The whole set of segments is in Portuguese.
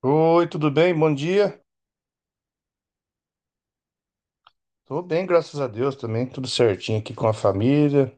Oi, tudo bem? Bom dia. Tô bem, graças a Deus também. Tudo certinho aqui com a família.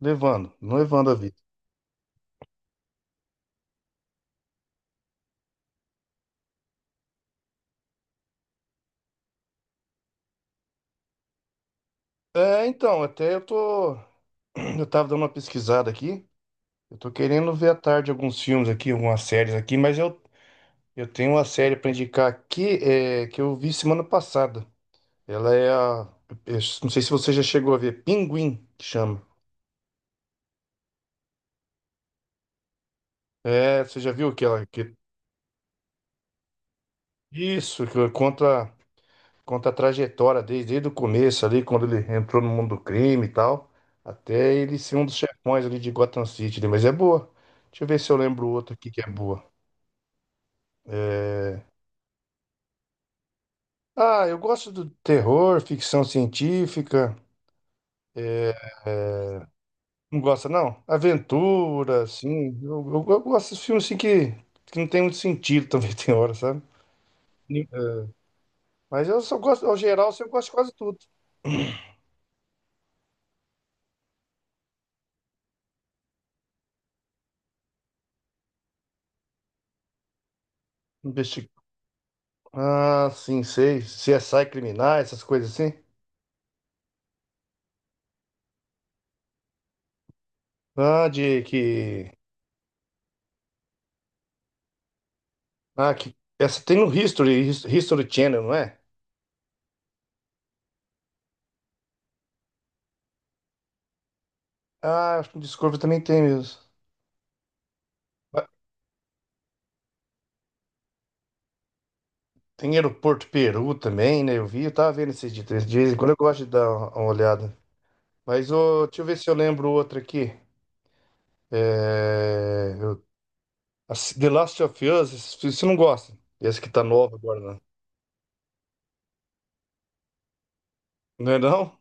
Levando, não levando a vida. É, então, até eu tô. Eu tava dando uma pesquisada aqui. Eu tô querendo ver à tarde alguns filmes aqui, algumas séries aqui, eu tenho uma série pra indicar aqui é, que eu vi semana passada. Ela é a. Eu não sei se você já chegou a ver. Pinguim, que chama. É, você já viu aquela? Que, isso, que conta. Conta a trajetória desde o começo ali, quando ele entrou no mundo do crime e tal, até ele ser um dos chefões ali de Gotham City, né? Mas é boa. Deixa eu ver se eu lembro outra aqui que é boa. Ah, eu gosto do terror, ficção científica. é, Não gosta, não? Aventura, assim. Eu gosto desses filmes assim que não tem muito sentido também, tem hora, sabe? Sim. É, mas eu só gosto, ao geral, assim, eu gosto de quase tudo. Investi... Ah, sim, sei. CSI criminais, essas coisas assim. Ah, de que. Ah, que... Essa tem no History, History Channel, não é? Ah, acho que o Discovery também tem mesmo. Ah, tem Aeroporto Peru também, né? Eu vi, eu tava vendo esses dias. De vez em quando eu gosto de dar uma olhada. Mas ô, deixa eu ver se eu lembro outra aqui. É... eu- a The Last of Us, você não gosta. Essa que tá nova agora, não. Não é, não?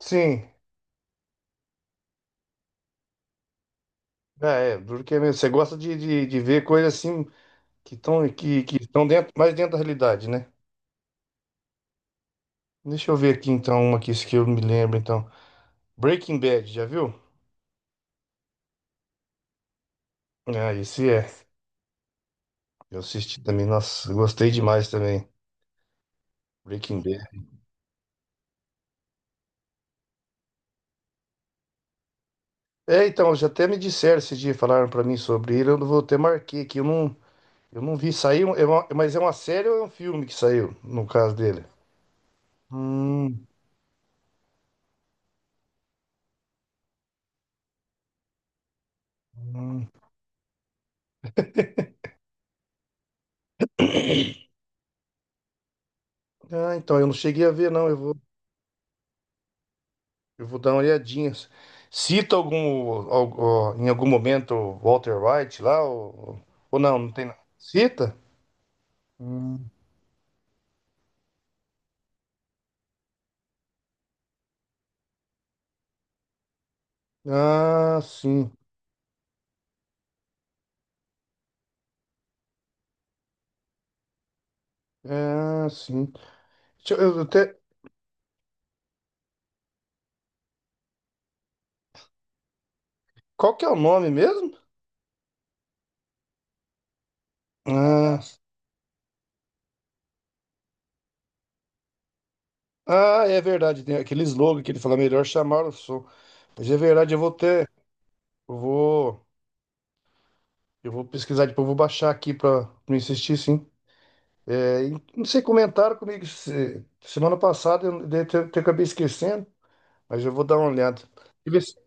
Sim. Ah, é, duro que é mesmo. Você gosta de ver coisas assim que estão dentro, mais dentro da realidade, né? Deixa eu ver aqui então uma aqui, isso que eu me lembro então. Breaking Bad, já viu? Ah, esse é. Eu assisti também, nossa, eu gostei demais também. Breaking Bad. É, então, já até me disseram esse dia, falaram pra mim sobre ele, eu não vou até marquei aqui, eu não vi, sair. É uma- mas é uma série ou é um filme que saiu, no caso dele? Hum, hum. Ah, então, eu não cheguei a ver, não, eu vou dar uma olhadinha. Cita algum, ó, em algum momento, o Walter White lá, ou não, não tem nada. Cita? Hum. Ah, sim. Ah, sim. Deixa eu até- Qual que é o nome mesmo? Ah, ah, é verdade. Tem aquele slogan que ele fala, melhor chamar o som. Mas é verdade, eu vou ter. Eu vou, eu vou pesquisar depois, eu vou baixar aqui pra não insistir, sim. É, e não sei, comentaram comigo semana passada, eu, até acabei esquecendo, mas eu vou dar uma olhada. Deixa ver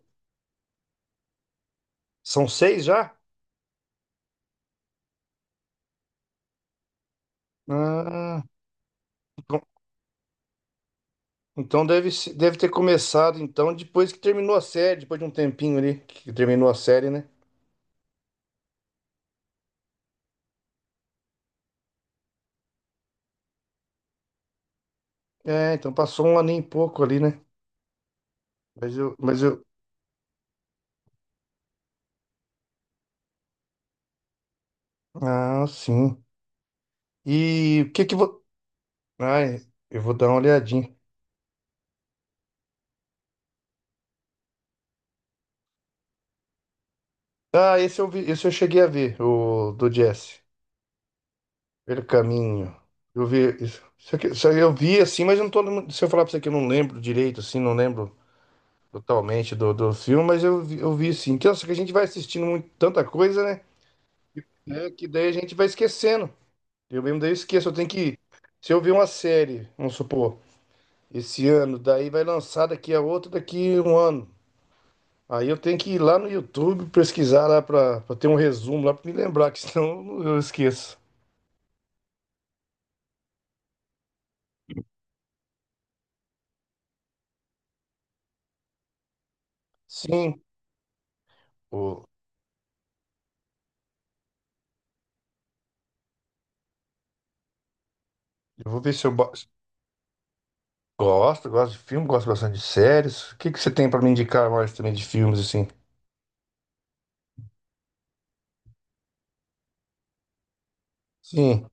são seis já? Ah, então então deve, deve ter começado, então, depois que terminou a série, depois de um tempinho ali, que terminou a série, né? É, então passou um ano e pouco ali, né? Mas eu, mas eu, ah, sim. E o que que vou? Ai, eu vou dar uma olhadinha. Ah, esse eu vi, esse eu cheguei a ver, o do Jesse. Pelo caminho. Eu vi isso. Isso aqui, isso aí eu vi assim, mas eu não tô. Se eu falar pra você que eu não lembro direito, assim, não lembro totalmente do filme, mas eu vi sim. Então, só que a gente vai assistindo muito, tanta coisa, né? É, que daí a gente vai esquecendo. Eu mesmo daí eu esqueço. Eu tenho que. Se eu ver uma série, vamos supor. Esse ano. Daí vai lançar daqui a outro daqui a um ano. Aí eu tenho que ir lá no YouTube pesquisar lá pra ter um resumo lá pra me lembrar, que senão eu esqueço. Sim, o- eu vou ver se eu bo- gosto, gosto de filme, gosto bastante de séries. O que que você tem pra me indicar mais também de filmes assim? Sim,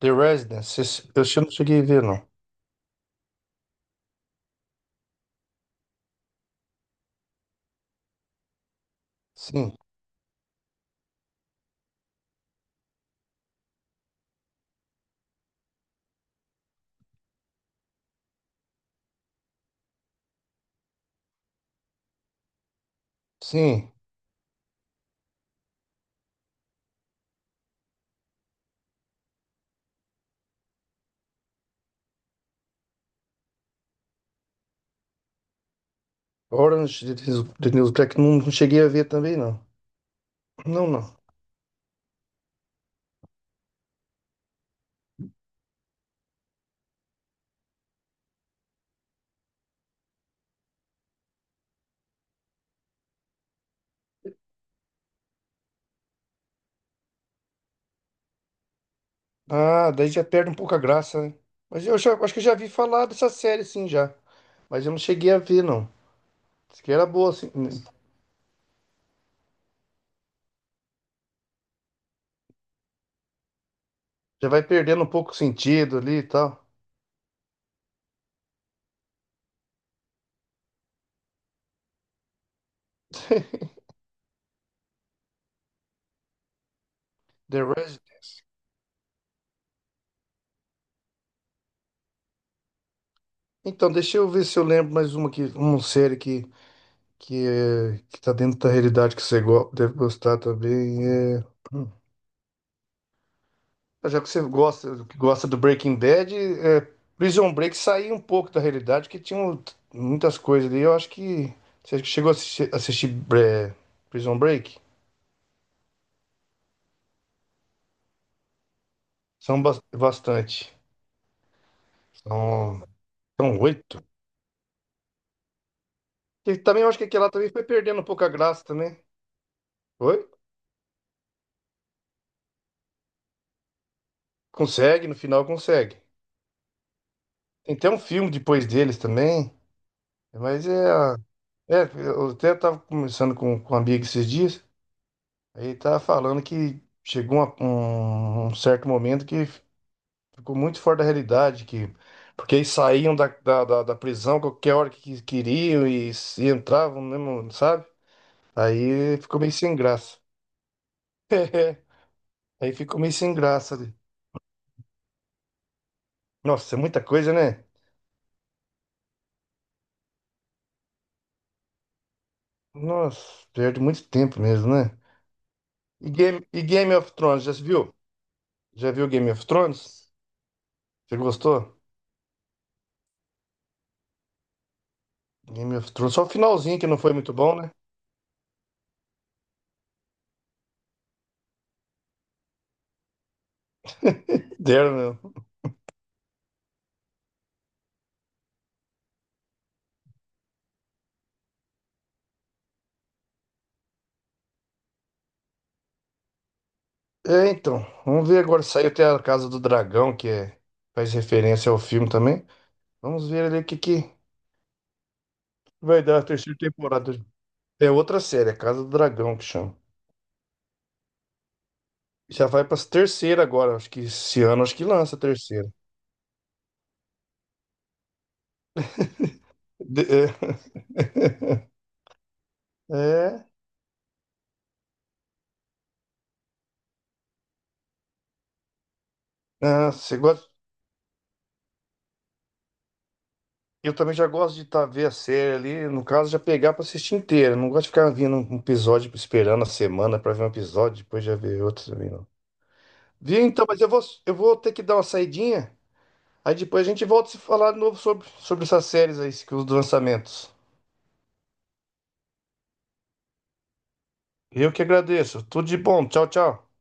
The Residence, não cheguei a ver não. Sim, sim, Orange is the New Black, não, não cheguei a ver também não. Não, não. Ah, daí já perde um pouco a graça, né? Mas eu já, acho que eu já vi falar dessa série, sim, já. Mas eu não cheguei a ver, não. Diz que era boa, assim. Né? Já vai perdendo um pouco o sentido ali e tal. The Res... Então, deixa eu ver se eu lembro mais uma que uma série que, é, que tá dentro da realidade que deve gostar também. É... Hum. Já que você gosta, que gosta do Breaking Bad, é, Prison Break saiu um pouco da realidade, que tinha um- muitas coisas ali. Eu acho que você chegou a assistir, é, Prison Break? Bastante. São, são oito. E também eu acho que aquela também foi perdendo um pouco a graça também. Foi? Consegue, no final consegue. Tem até um filme depois deles também. Mas é. É, eu até tava conversando com um amigo esses dias. Aí tava falando que chegou um certo momento que ficou muito fora da realidade, que. Porque eles saíam da prisão qualquer hora que queriam e entravam mesmo, sabe? Aí ficou meio sem graça. Aí ficou meio sem graça ali. Nossa, é muita coisa, né? Nossa, perde muito tempo mesmo, né? E Game of Thrones, já se viu? Já viu Game of Thrones? Você gostou? Game of Thrones, só o finalzinho que não foi muito bom, né? Deram, meu. É, então, vamos ver agora. Saiu até a Casa do Dragão, que é, faz referência ao filme também. Vamos ver ali o que, que vai dar a terceira temporada. É outra série, a Casa do Dragão que chama. Já vai pra terceira agora, acho que esse ano acho que lança a terceira. De- é. É, ah, você gosta... Eu também já gosto de tá, ver a série ali, no caso, já pegar pra assistir inteira. Não gosto de ficar vindo um episódio, esperando a semana pra ver um episódio, depois já ver outro também, não. Viu, então, mas eu vou ter que dar uma saidinha, aí depois a gente volta a se falar de novo sobre essas séries aí, que os lançamentos. Eu que agradeço. Tudo de bom. Tchau, tchau.